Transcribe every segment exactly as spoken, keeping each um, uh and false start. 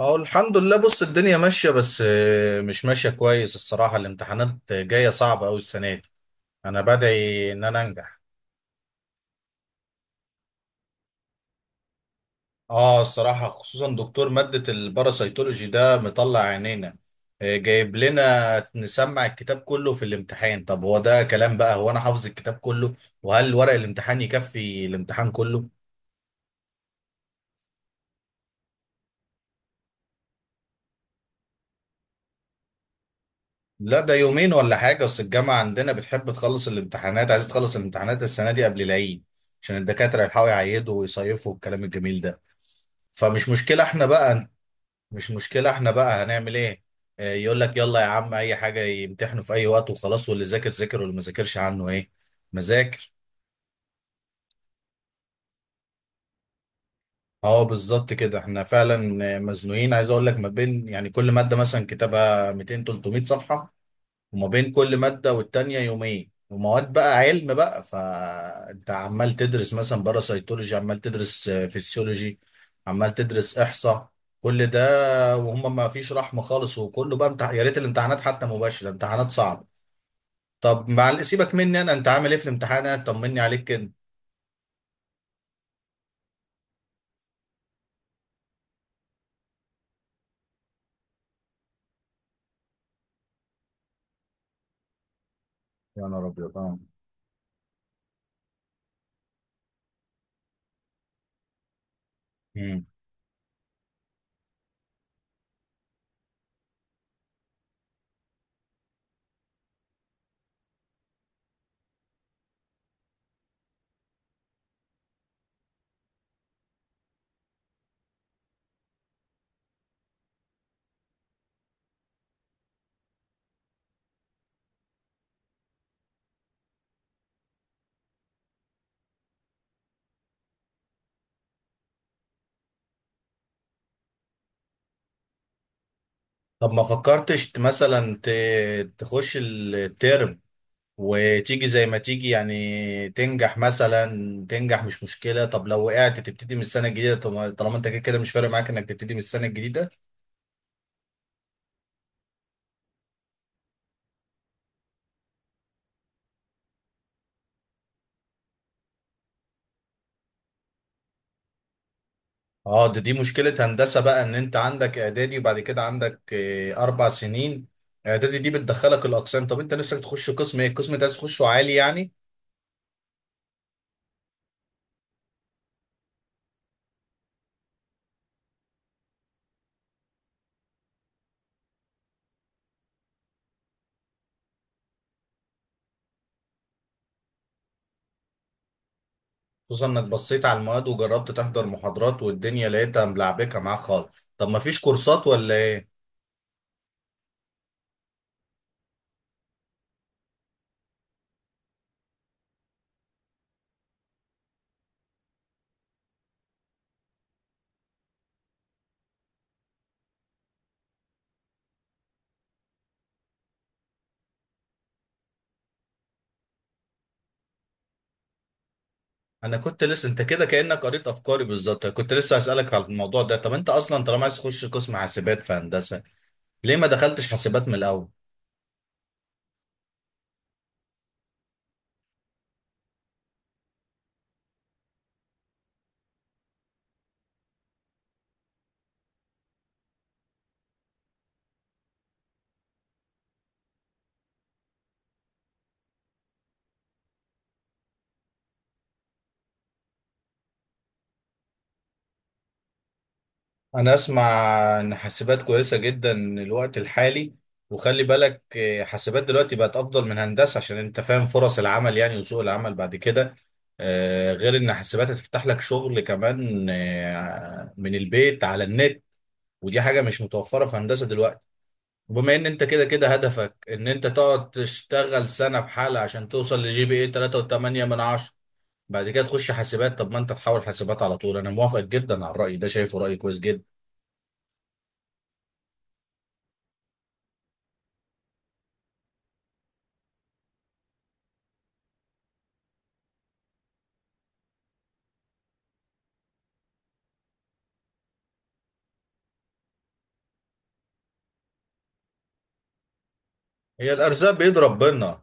اهو الحمد لله. بص، الدنيا ماشية، بس آه، مش ماشية كويس الصراحة. الامتحانات جاية صعبة أوي السنة دي. أنا بدعي إن أنا أنجح. آه الصراحة، خصوصا دكتور مادة الباراسيتولوجي ده مطلع عينينا. آه، جايب لنا نسمع الكتاب كله في الامتحان. طب هو ده كلام بقى؟ هو أنا حافظ الكتاب كله؟ وهل ورق الامتحان يكفي الامتحان كله؟ لا ده يومين ولا حاجة، أصل الجامعة عندنا بتحب تخلص الامتحانات، عايز تخلص الامتحانات السنة دي قبل العيد عشان الدكاترة يلحقوا يعيدوا ويصيفوا والكلام الجميل ده. فمش مشكلة احنا بقى. مش مشكلة احنا بقى، هنعمل ايه؟ آه، يقول لك يلا يا عم، أي حاجة، يمتحنوا في أي وقت وخلاص، واللي ذاكر ذاكر واللي ما ذاكرش عنه ايه؟ مذاكر. اه بالظبط كده، احنا فعلا آه، مزنوقين. عايز اقول لك، ما بين يعني كل مادة مثلا كتابها ميتين ثلاثمائة صفحة، وما بين كل مادة والتانية يومين، ومواد بقى علم بقى، فانت عمال تدرس مثلا باراسيتولوجي، عمال تدرس آه، فيسيولوجي، عمال تدرس احصاء. كل ده، وهم ما فيش رحمة خالص، وكله بقى امتح... يا ريت الامتحانات حتى مباشرة، امتحانات صعبة. طب مع سيبك مني انا، انت عامل ايه في الامتحانات؟ طمني عليك كده. يا نهار ابيض اه. مم. طب ما فكرتش ت- مثلا ت... تخش الترم وتيجي زي ما تيجي، يعني تنجح مثلا. تنجح مش مشكلة، طب لو وقعت تبتدي من السنة الجديدة، طب- طالما انت كده كده مش فارق معاك انك تبتدي من السنة الجديدة. اه ده دي مشكلة هندسة بقى، ان انت عندك اعدادي، وبعد كده عندك آه، اربع سنين. اعدادي دي بتدخلك الاقسام. طب انت نفسك تخش قسم ايه؟ القسم ده عايز تخشه عالي يعني؟ خصوصا انك بصيت على المواد وجربت تحضر محاضرات والدنيا لقيتها ملعبكة معاك خالص، طب ما فيش كورسات ولا ايه؟ انا كنت لسه، انت كده كانك قريت افكاري بالظبط، كنت لسه اسالك على الموضوع ده. طب انت اصلا طالما عايز تخش قسم حاسبات في هندسه، ليه ما دخلتش حاسبات من الاول؟ انا اسمع ان حاسبات كويسه جدا الوقت الحالي، وخلي بالك آه، حاسبات دلوقتي بقت افضل من هندسه، عشان انت فاهم فرص العمل يعني وسوق العمل بعد كده. آه، غير ان حاسبات هتفتح لك شغل كمان آه، من البيت على النت، ودي حاجه مش متوفره في هندسه دلوقتي. وبما ان انت كده كده هدفك ان انت تقعد تشتغل سنة بحالة عشان توصل لجي بي اي تلاتة فاصلة تمنية من عشرة، بعد كده تخش حاسبات. طب ما انت تحاول حاسبات على طول، انا موافق جدا على الرأي ده، شايفه رأي كويس جدا. هي الارزاق بيد ربنا.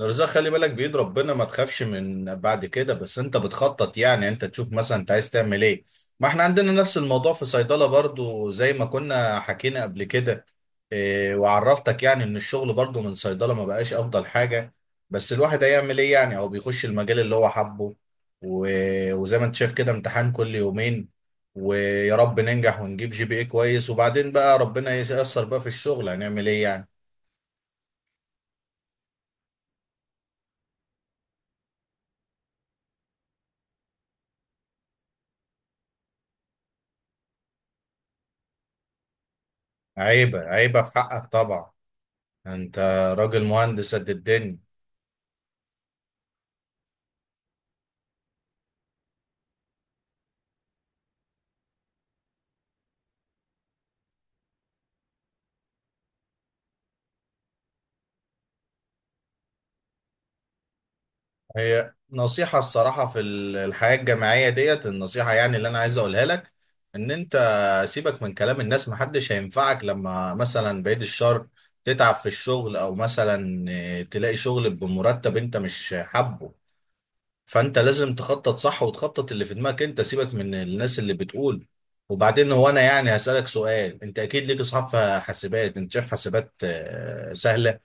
الرزاق خلي بالك بيد ربنا، ما تخافش من بعد كده، بس انت بتخطط يعني، انت تشوف مثلا انت عايز تعمل ايه. ما احنا عندنا نفس الموضوع في صيدلة برضو زي ما كنا حكينا قبل كده. اه، وعرفتك يعني ان الشغل برضو من صيدلة ما بقاش افضل حاجة، بس الواحد هيعمل ايه؟ يعني هو بيخش المجال اللي هو حبه. و- وزي ما انت شايف كده، امتحان كل يومين، ويا رب ننجح ونجيب جي بي اي كويس، وبعدين بقى ربنا ييسر بقى في الشغل، هنعمل ايه يعني. عيبة عيبة في حقك طبعا. انت راجل مهندس قد الدنيا. هي نصيحة الصراحة في ال- الحياة الجامعية ديت، النصيحة يعني اللي أنا عايز أقولها لك، إن أنت سيبك من كلام الناس، محدش هينفعك لما مثلا، بعيد الشر، تتعب في الشغل أو مثلا آه، تلاقي شغل بمرتب أنت مش حابه. فأنت لازم تخطط صح، وتخطط اللي في دماغك أنت، سيبك من الناس اللي بتقول. وبعدين هو أنا يعني هسألك سؤال، أنت أكيد ليك أصحاب في حاسبات، أنت شايف حاسبات آه، سهلة؟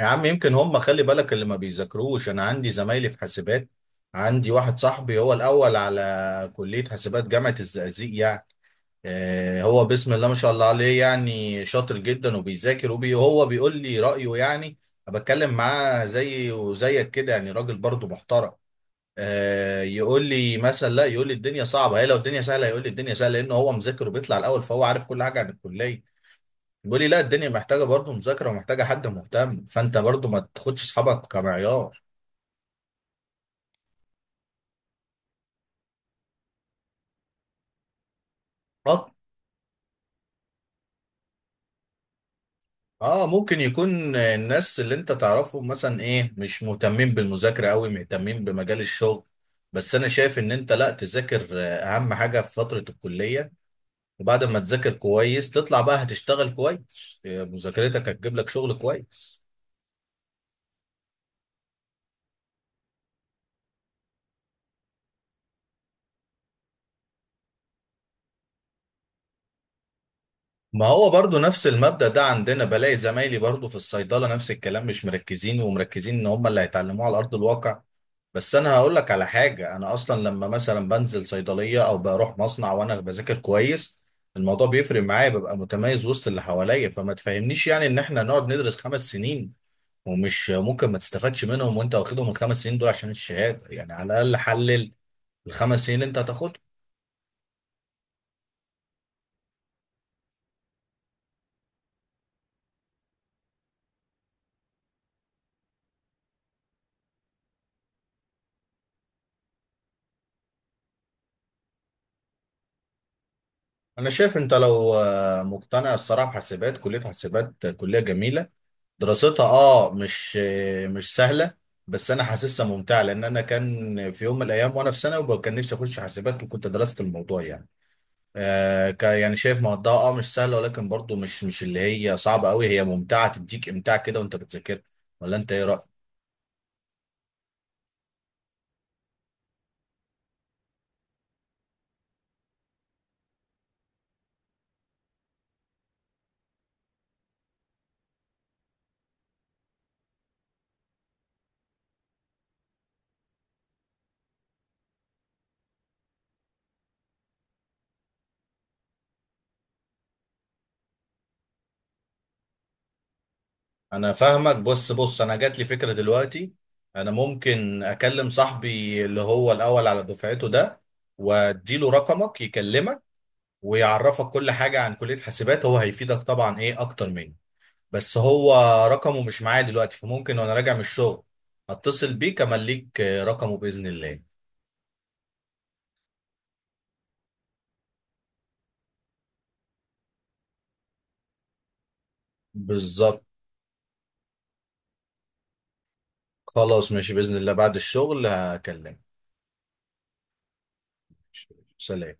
يا عم يمكن هم، خلي بالك اللي ما بيذاكروش. انا عندي زمايلي في حاسبات. عندي واحد صاحبي هو الاول على كلية حاسبات جامعة الزقازيق يعني. آه هو بسم الله ما شاء الله عليه، يعني شاطر جدا وبيذاكر وبي هو بيقول لي رأيه يعني. أنا بتكلم معاه زي وزيك كده، يعني راجل برضه محترم. آه يقول لي مثلا، لا يقول لي الدنيا صعبة، هي لو الدنيا سهلة يقول لي الدنيا سهلة، لأنه هو مذاكر وبيطلع الأول، فهو عارف كل حاجة عن الكلية. بيقول لي لا الدنيا محتاجه برضه مذاكره ومحتاجه حد مهتم، فانت برضه ما تاخدش اصحابك كمعيار. اه. اه، ممكن يكون الناس اللي انت تعرفهم مثلا ايه، مش مهتمين بالمذاكره قوي، مهتمين بمجال الشغل. بس انا شايف ان انت لا، تذاكر آه، اهم حاجه في فتره الكليه. وبعد ما تذاكر كويس تطلع بقى هتشتغل كويس، آه، مذاكرتك هتجيب لك شغل كويس. ما هو برضو نفس المبدأ ده عندنا، بلاقي زمايلي برضو في الصيدلة نفس الكلام، مش مركزين، ومركزين ان هم اللي هيتعلموه على أرض الواقع. بس انا هقول لك على حاجة، انا اصلا لما مثلا بنزل صيدلية او بروح مصنع وانا بذاكر كويس، الموضوع بيفرق معايا، ببقى متميز وسط اللي حواليا. فما تفهمنيش يعني ان احنا نقعد ندرس خمس سنين ومش ممكن ما تستفادش منهم، وانت واخدهم الخمس سنين دول عشان الشهادة يعني، على الاقل حلل الخمس سنين اللي انت هتاخدهم. انا شايف انت لو آه، مقتنع الصراحه، حاسبات كليه، حاسبات آه، كليه جميله، دراستها اه مش آه، مش سهله، بس انا حاسسها ممتعه. لان انا كان في يوم من الايام وانا في ثانوي، وكان نفسي اخش حاسبات وكنت درست الموضوع يعني. آه ك- يعني شايف مواد اه مش سهله، ولكن برضو مش مش اللي هي صعبه قوي، هي ممتعه، تديك امتاع كده وانت بتذاكر. ولا انت ايه رايك؟ انا فاهمك. بص بص، انا جات لي فكره دلوقتي، انا ممكن اكلم صاحبي اللي هو الاول على دفعته ده، واديله رقمك يكلمك، ويعرفك كل حاجه عن كليه حاسبات، هو هيفيدك طبعا ايه اكتر مني. بس هو رقمه مش معايا دلوقتي، فممكن وانا راجع من الشغل اتصل بيك، امليك رقمه باذن الله. بالظبط. خلاص ماشي باذن الله، بعد الشغل هكلمك. سلام.